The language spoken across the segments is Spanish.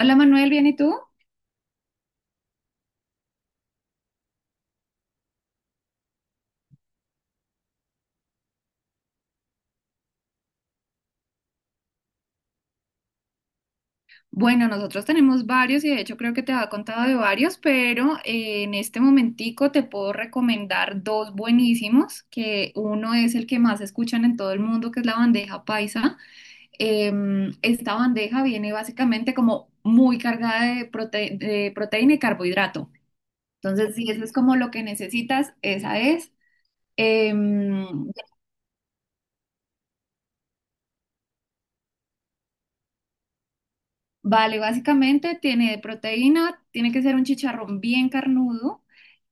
Hola Manuel, ¿bien y tú? Bueno, nosotros tenemos varios y de hecho creo que te había contado de varios, pero en este momentico te puedo recomendar dos buenísimos, que uno es el que más escuchan en todo el mundo, que es la bandeja paisa. Esta bandeja viene básicamente como muy cargada de, de proteína y carbohidrato. Entonces, si eso es como lo que necesitas, esa es. Em, vale, Básicamente tiene proteína, tiene que ser un chicharrón bien carnudo.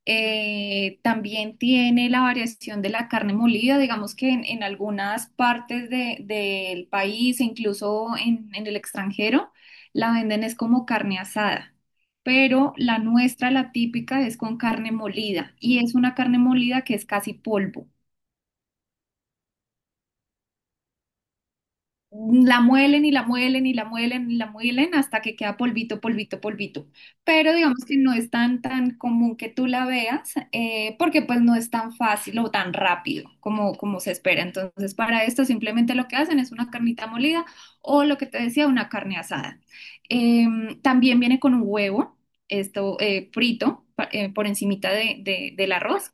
También tiene la variación de la carne molida, digamos que en algunas partes del país, e incluso en el extranjero, la venden es como carne asada, pero la nuestra, la típica, es con carne molida y es una carne molida que es casi polvo. La muelen y la muelen y la muelen y la muelen hasta que queda polvito, polvito, polvito. Pero digamos que no es tan, tan común que tú la veas porque pues no es tan fácil o tan rápido como se espera. Entonces para esto simplemente lo que hacen es una carnita molida o lo que te decía, una carne asada. También viene con un huevo, esto por encimita del arroz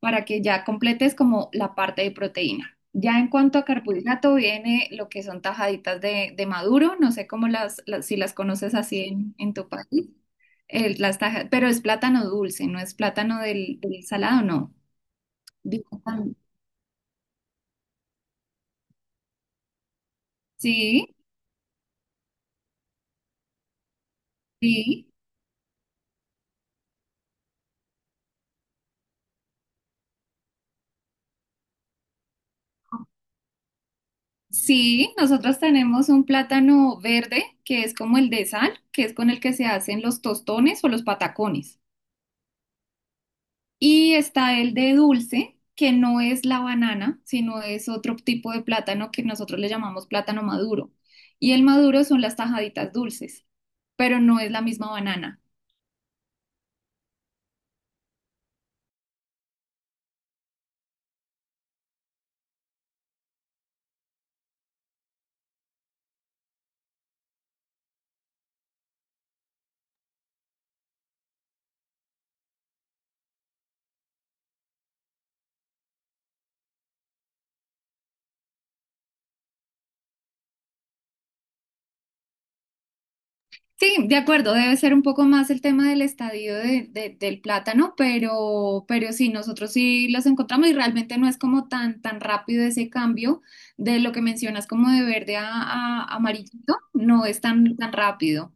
para que ya completes como la parte de proteína. Ya en cuanto a carbohidrato viene lo que son tajaditas de maduro, no sé cómo las, si las conoces así en tu país. Pero es plátano dulce, no es plátano del, del salado, no. Digo, tam- Sí, sí. Sí, nosotros tenemos un plátano verde que es como el de sal, que es con el que se hacen los tostones o los patacones. Y está el de dulce, que no es la banana, sino es otro tipo de plátano que nosotros le llamamos plátano maduro. Y el maduro son las tajaditas dulces, pero no es la misma banana. Sí, de acuerdo, debe ser un poco más el tema del estadio del plátano, pero sí, nosotros sí los encontramos y realmente no es como tan, tan rápido ese cambio de lo que mencionas como de verde a amarillito, no es tan, tan rápido.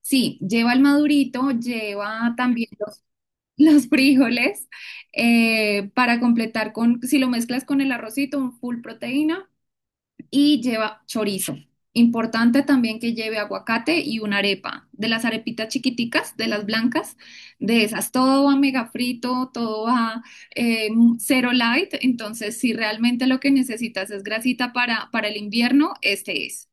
Sí, lleva el madurito, lleva también los los frijoles para completar con, si lo mezclas con el arrocito, un full proteína y lleva chorizo. Importante también que lleve aguacate y una arepa, de las arepitas chiquiticas, de las blancas, de esas. Todo va mega frito, todo va eh, cero light, entonces si realmente lo que necesitas es grasita para el invierno, este es.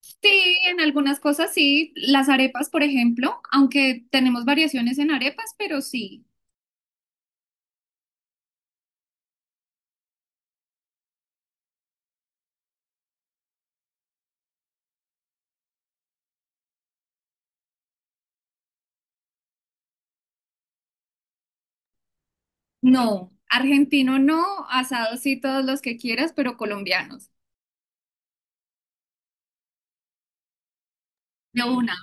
Sí, en algunas cosas sí. Las arepas, por ejemplo, aunque tenemos variaciones en arepas, pero sí. No, argentino no, asado sí todos los que quieras, pero colombianos, de una.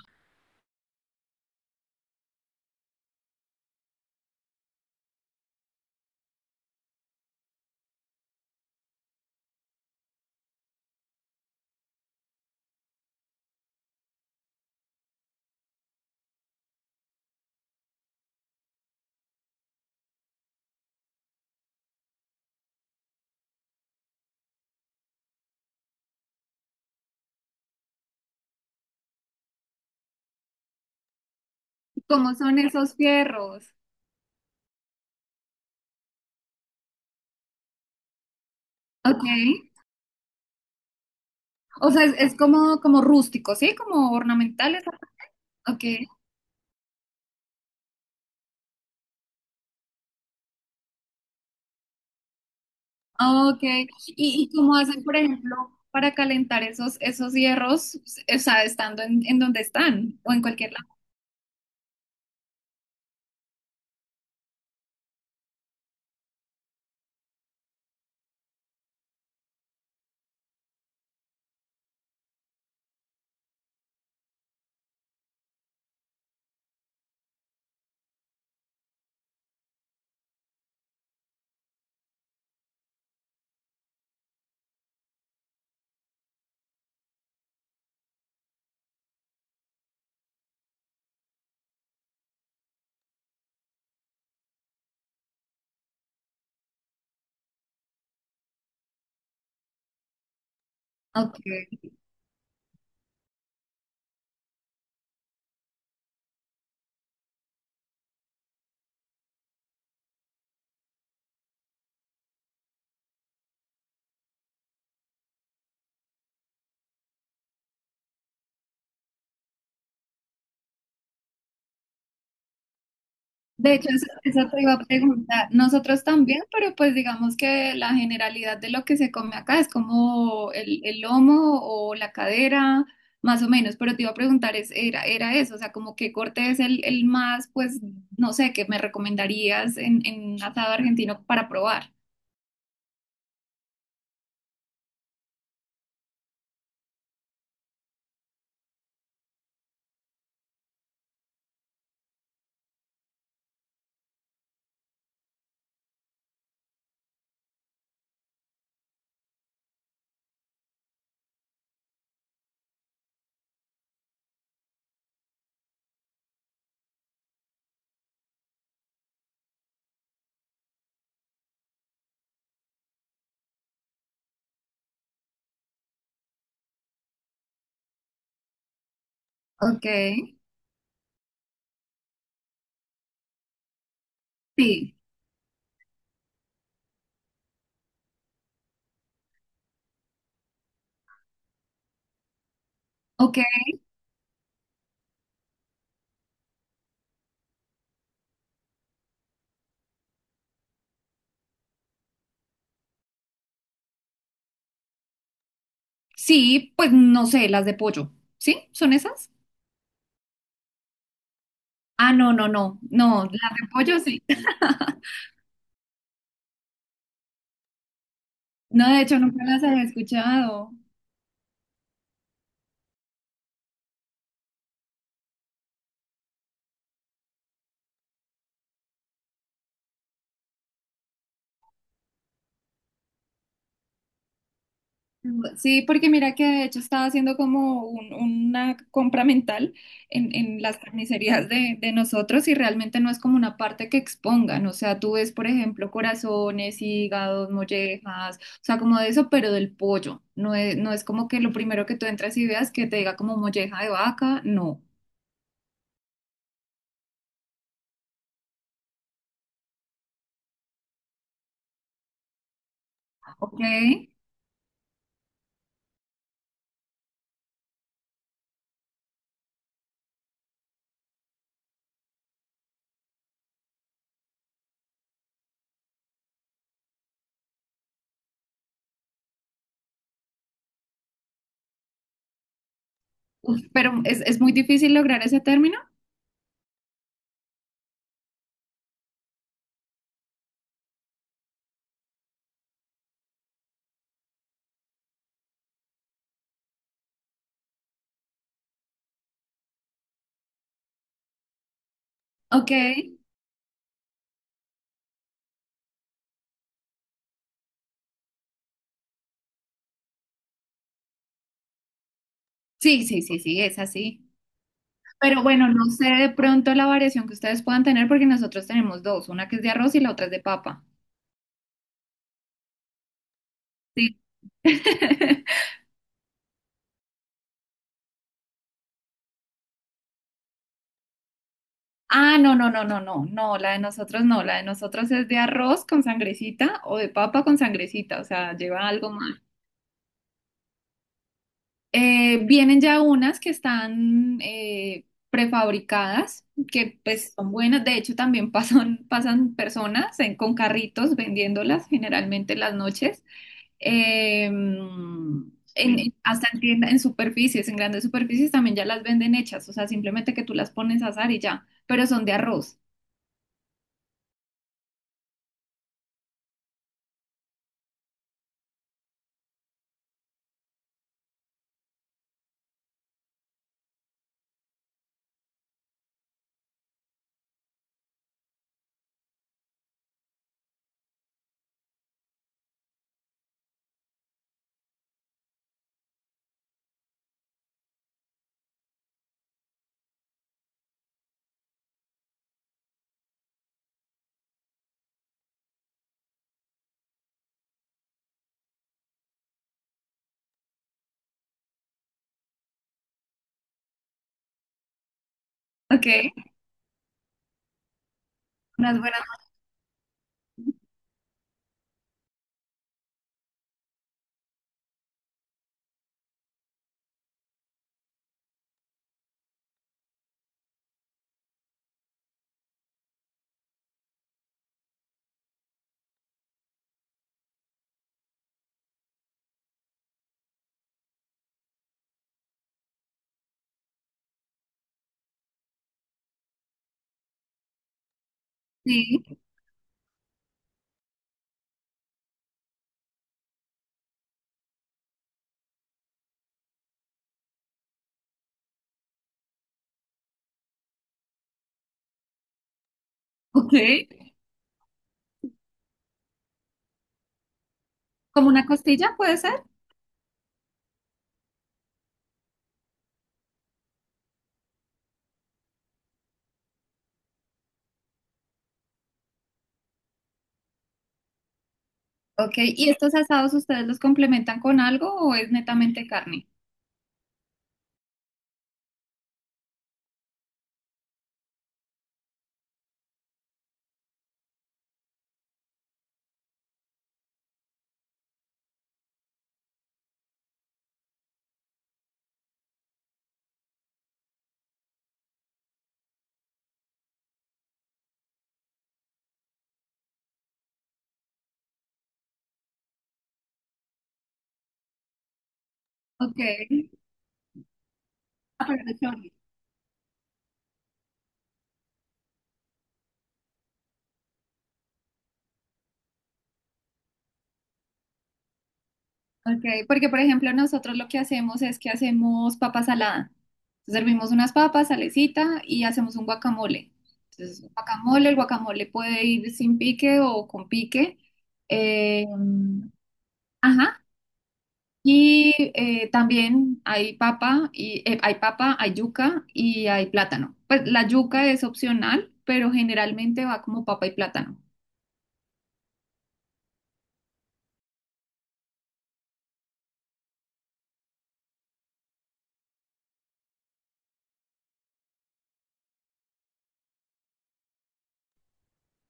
¿Cómo son esos fierros? Ok. O sea, es como, como rústico, ¿sí? Como ornamentales. Ok. Ok. ¿ y cómo hacen, por ejemplo, para calentar esos, esos hierros, o sea, estando en donde están o en cualquier lado? Ok. De hecho, eso te iba a preguntar. Nosotros también, pero pues digamos que la generalidad de lo que se come acá es como el lomo o la cadera, más o menos. Pero te iba a preguntar, es, era, era eso, o sea, como qué corte es el más, pues, no sé, que me recomendarías en un asado argentino para probar. Ok, sí, ok. Sí, pues no sé, las de pollo. ¿Sí? ¿Son esas? Ah, no, no, no, no, las de pollo sí. No, de hecho, nunca las había escuchado. Sí, porque mira que de hecho estaba haciendo como una compra mental en las carnicerías de nosotros y realmente no es como una parte que expongan, o sea, tú ves, por ejemplo, corazones, hígados, mollejas, o sea, como de eso, pero del pollo, no es, no es como que lo primero que tú entras y veas que te diga como molleja de vaca, no, ok. Uf, pero es muy difícil lograr ese término, ok, sí, sí, sí, sí, es así. Pero bueno, no sé de pronto la variación que ustedes puedan tener porque nosotros tenemos dos, una que es de arroz y la otra es de papa. Sí. Ah, no, no, no, no, no, no, la de nosotros no, la de nosotros es de arroz con sangrecita o de papa con sangrecita, o sea, lleva algo más. Vienen ya unas que están prefabricadas, que pues son buenas, de hecho también pasan, pasan personas con carritos vendiéndolas generalmente en las noches. Sí. Hasta en superficies, en grandes superficies también ya las venden hechas, o sea, simplemente que tú las pones a asar y ya, pero son de arroz, ¿ok? Unas buenas, sí, ¿ok? Como una costilla puede ser, ¿ok? ¿Y estos asados ustedes los complementan con algo o es netamente carne? Ok, ah, pero de chorizo. Ok, porque por ejemplo nosotros lo que hacemos es que hacemos papa salada. Entonces, servimos unas papas, salecita y hacemos un guacamole. Entonces, guacamole, el guacamole puede ir sin pique o con pique. Eh, ajá. Y hay papa, hay yuca y hay plátano. Pues la yuca es opcional, pero generalmente va como papa y plátano.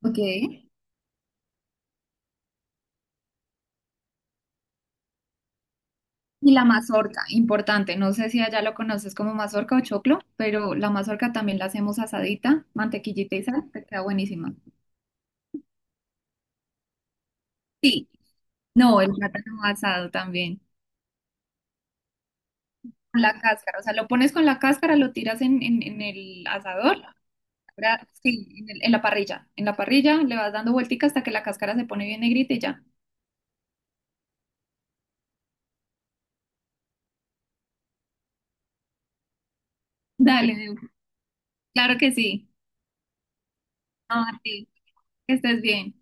Ok. Y la mazorca, importante, no sé si allá lo conoces como mazorca o choclo, pero la mazorca también la hacemos asadita, mantequillita y sal, te queda buenísima. Sí, no, el plátano asado también, con la cáscara, o sea, lo pones con la cáscara, lo tiras en el asador, ¿verdad? Sí, en la parrilla le vas dando vueltica hasta que la cáscara se pone bien negrita y ya. Dale, Deu, claro que sí, no, a ti, que estés bien.